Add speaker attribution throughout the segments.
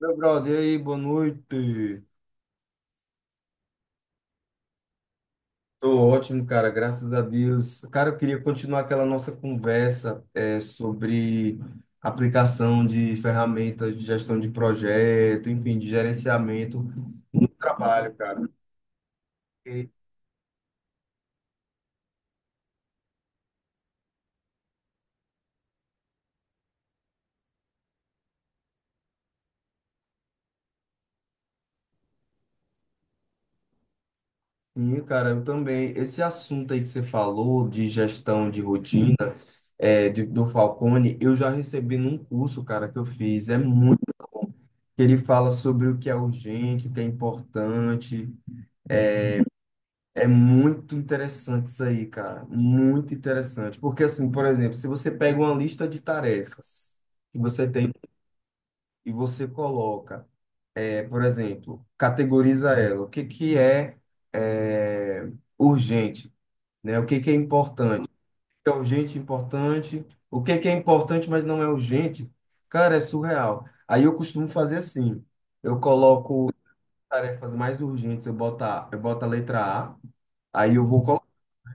Speaker 1: Meu brother, e aí, boa noite. Tô ótimo, cara, graças a Deus. Cara, eu queria continuar aquela nossa conversa sobre aplicação de ferramentas de gestão de projeto, enfim, de gerenciamento do trabalho, cara. E, sim, cara, eu também. Esse assunto aí que você falou de gestão de rotina, do Falcone, eu já recebi num curso, cara, que eu fiz. É muito. Ele fala sobre o que é urgente, o que é importante. É muito interessante isso aí, cara. Muito interessante. Porque, assim, por exemplo, se você pega uma lista de tarefas que você tem e você coloca, por exemplo, categoriza ela. O que que é, é, urgente, né? O que que é importante? O que é urgente, importante. O que que é importante, mas não é urgente? Cara, é surreal. Aí eu costumo fazer assim. Eu coloco tarefas mais urgentes, eu boto a letra A, aí eu vou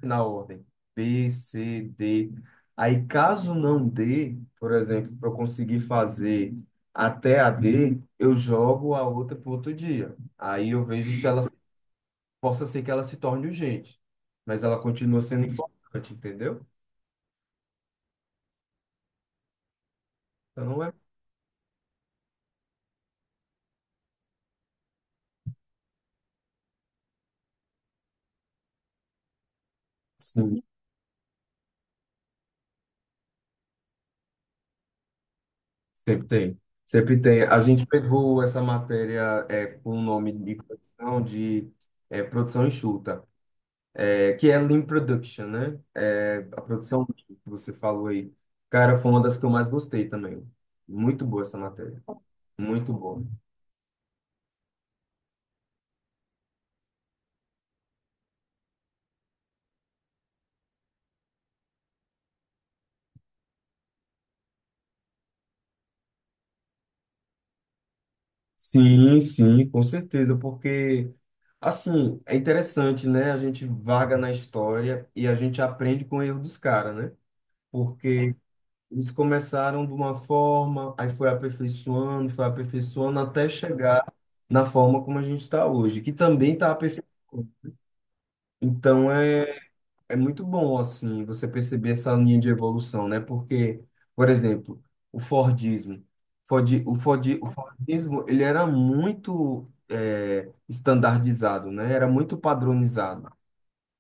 Speaker 1: na ordem. B, C, D. Aí, caso não dê, por exemplo, para eu conseguir fazer até a D, eu jogo a outra para outro dia. Aí eu vejo se ela possa ser que ela se torne urgente, mas ela continua sendo importante, entendeu? Então não é. Sim, sempre tem. Sempre tem. A gente pegou essa matéria com o nome de produção enxuta, é, que é Lean Production, né? É, a produção que você falou aí. Cara, foi uma das que eu mais gostei também. Muito boa essa matéria. Muito boa. Sim, sim, com certeza, porque assim, é interessante, né? A gente vaga na história e a gente aprende com o erro dos caras, né? Porque eles começaram de uma forma, aí foi aperfeiçoando até chegar na forma como a gente está hoje, que também está aperfeiçoando. Então, É muito bom, assim, você perceber essa linha de evolução, né? Porque, por exemplo, o Fordismo. O Fordismo, ele era muito estandardizado, né? Era muito padronizado.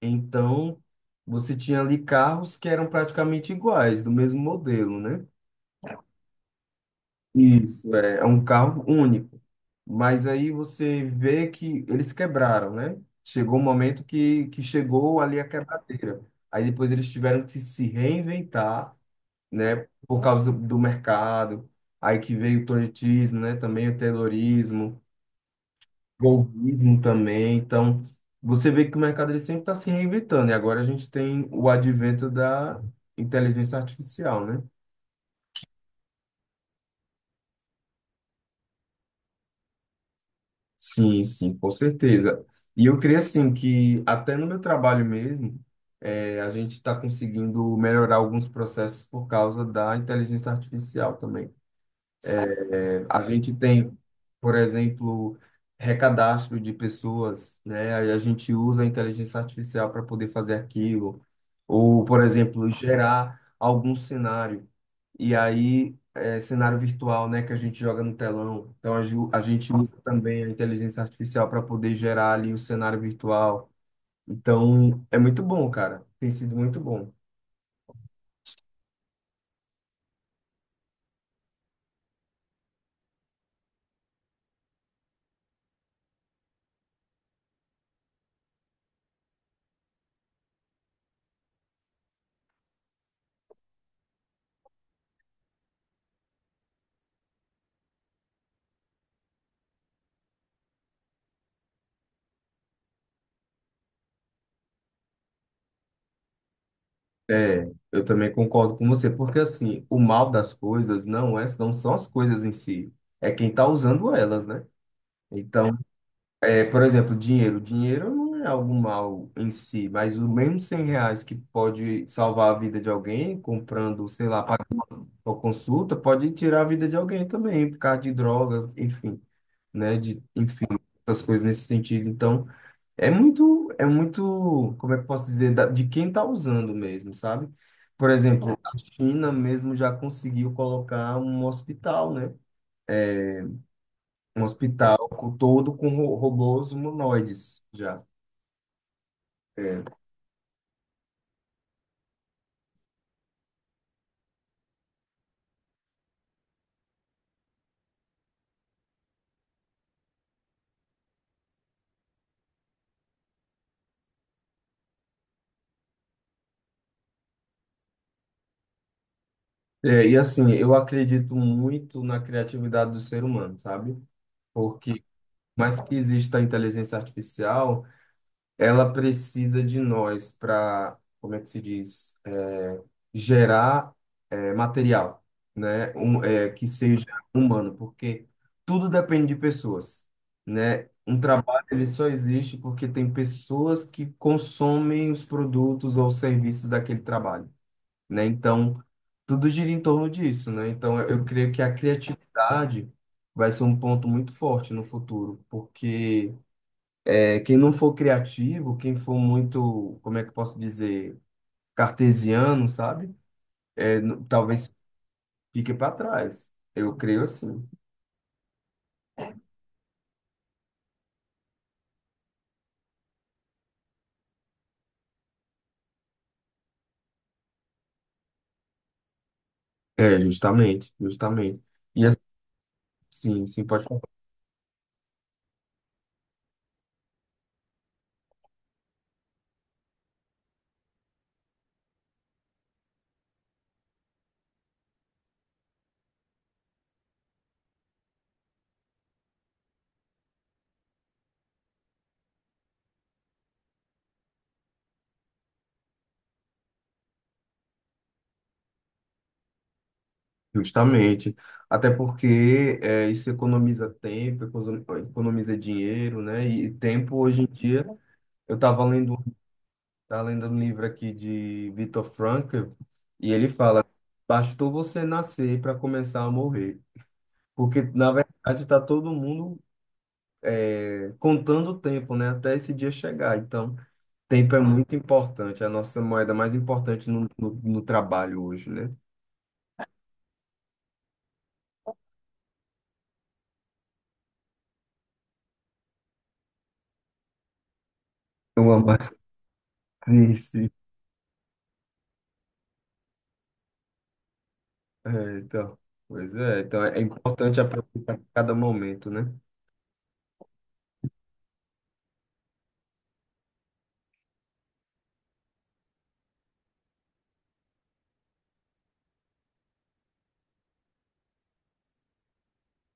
Speaker 1: Então, você tinha ali carros que eram praticamente iguais, do mesmo modelo, né? Isso, é, é um carro único. Mas aí você vê que eles quebraram, né? Chegou um momento que chegou ali a quebradeira. Aí depois eles tiveram que se reinventar, né? Por causa do mercado. Aí que veio o toyotismo, né? Também o terrorismo, o golpismo também. Então, você vê que o mercado ele sempre está se reinventando. E agora a gente tem o advento da inteligência artificial, né? Sim, sim, com certeza. E eu creio assim que até no meu trabalho mesmo, a gente está conseguindo melhorar alguns processos por causa da inteligência artificial também. É, a gente tem, por exemplo, recadastro de pessoas, né? Aí a gente usa a inteligência artificial para poder fazer aquilo, ou, por exemplo, gerar algum cenário. E aí, é, cenário virtual, né, que a gente joga no telão. Então, a gente usa também a inteligência artificial para poder gerar ali o cenário virtual. Então, é muito bom, cara. Tem sido muito bom. É, eu também concordo com você, porque assim, o mal das coisas não é, não são as coisas em si, é quem está usando elas, né? Então, é, por exemplo, dinheiro. Dinheiro não é algo mal em si, mas o mesmo R$ 100 que pode salvar a vida de alguém, comprando, sei lá, pagando uma consulta, pode tirar a vida de alguém também, por causa de droga, enfim, né? De, enfim, essas coisas nesse sentido. Então, é muito, como é que eu posso dizer, de quem está usando mesmo, sabe? Por exemplo, a China mesmo já conseguiu colocar um hospital, né? Um hospital todo com robôs humanoides já. É. É, e assim, eu acredito muito na criatividade do ser humano, sabe? Porque, por mais que exista a inteligência artificial, ela precisa de nós para, como é que se diz, é, gerar material, né? Um, que seja humano, porque tudo depende de pessoas, né? Um trabalho ele só existe porque tem pessoas que consomem os produtos ou serviços daquele trabalho, né? Então, tudo gira em torno disso, né? Então, eu creio que a criatividade vai ser um ponto muito forte no futuro, porque quem não for criativo, quem for muito, como é que eu posso dizer, cartesiano, sabe? Talvez fique para trás. Eu creio assim. É, justamente, justamente. E assim, sim, sim, pode falar. Justamente. Até porque é, isso economiza tempo, economiza dinheiro, né? E tempo, hoje em dia, eu estava lendo, tava lendo um livro aqui de Viktor Frankl, e ele fala: bastou você nascer para começar a morrer. Porque, na verdade, está todo mundo contando o tempo, né? Até esse dia chegar. Então, tempo é muito importante. É a nossa moeda mais importante no trabalho hoje, né? Eu amo esse. É, então, pois é. Então, é importante aproveitar cada momento, né?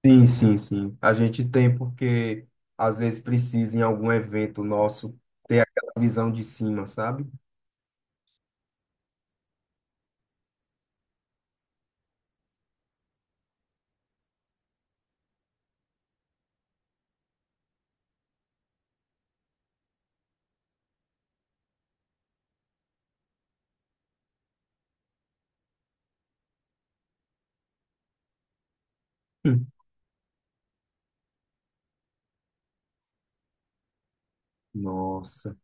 Speaker 1: Sim, sim, sim. A gente tem porque, às vezes, precisa em algum evento nosso ter aquela visão de cima, sabe? Hum. Nossa,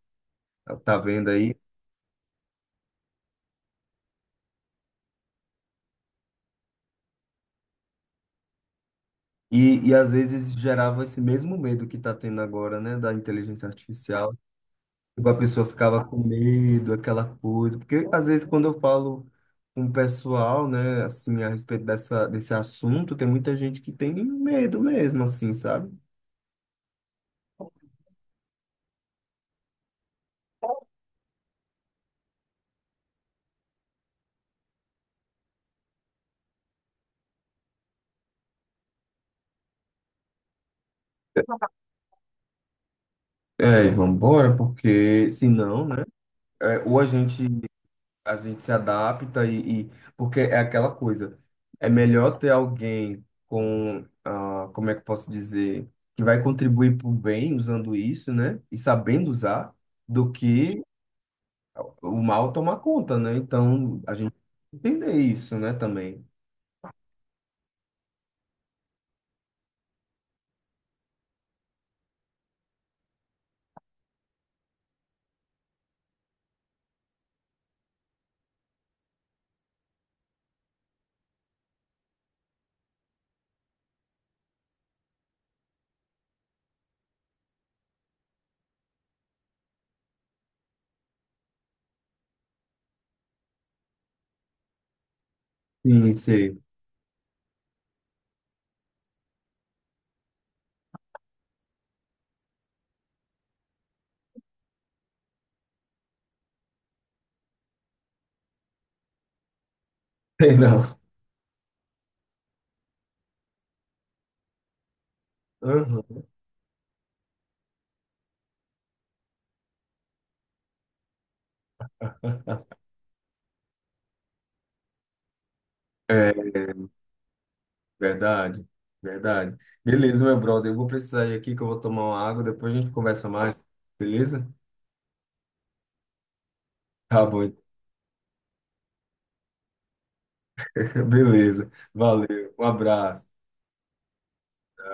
Speaker 1: tá vendo aí? E às vezes gerava esse mesmo medo que está tendo agora, né, da inteligência artificial. Tipo, a pessoa ficava com medo, aquela coisa. Porque às vezes quando eu falo com o pessoal, né, assim, a respeito desse assunto, tem muita gente que tem medo mesmo, assim, sabe? É, e vambora, porque senão, né, é, ou a gente se adapta e, porque é aquela coisa. É melhor ter alguém com, ah, como é que eu posso dizer, que vai contribuir para o bem usando isso, né? E sabendo usar, do que o mal tomar conta, né? Então a gente tem que entender isso, né? Também. Sim, sim. Sei não. Aham. É verdade, verdade. Beleza, meu brother. Eu vou precisar ir aqui que eu vou tomar uma água. Depois a gente conversa mais, beleza? Tá bom. Beleza. Valeu. Um abraço.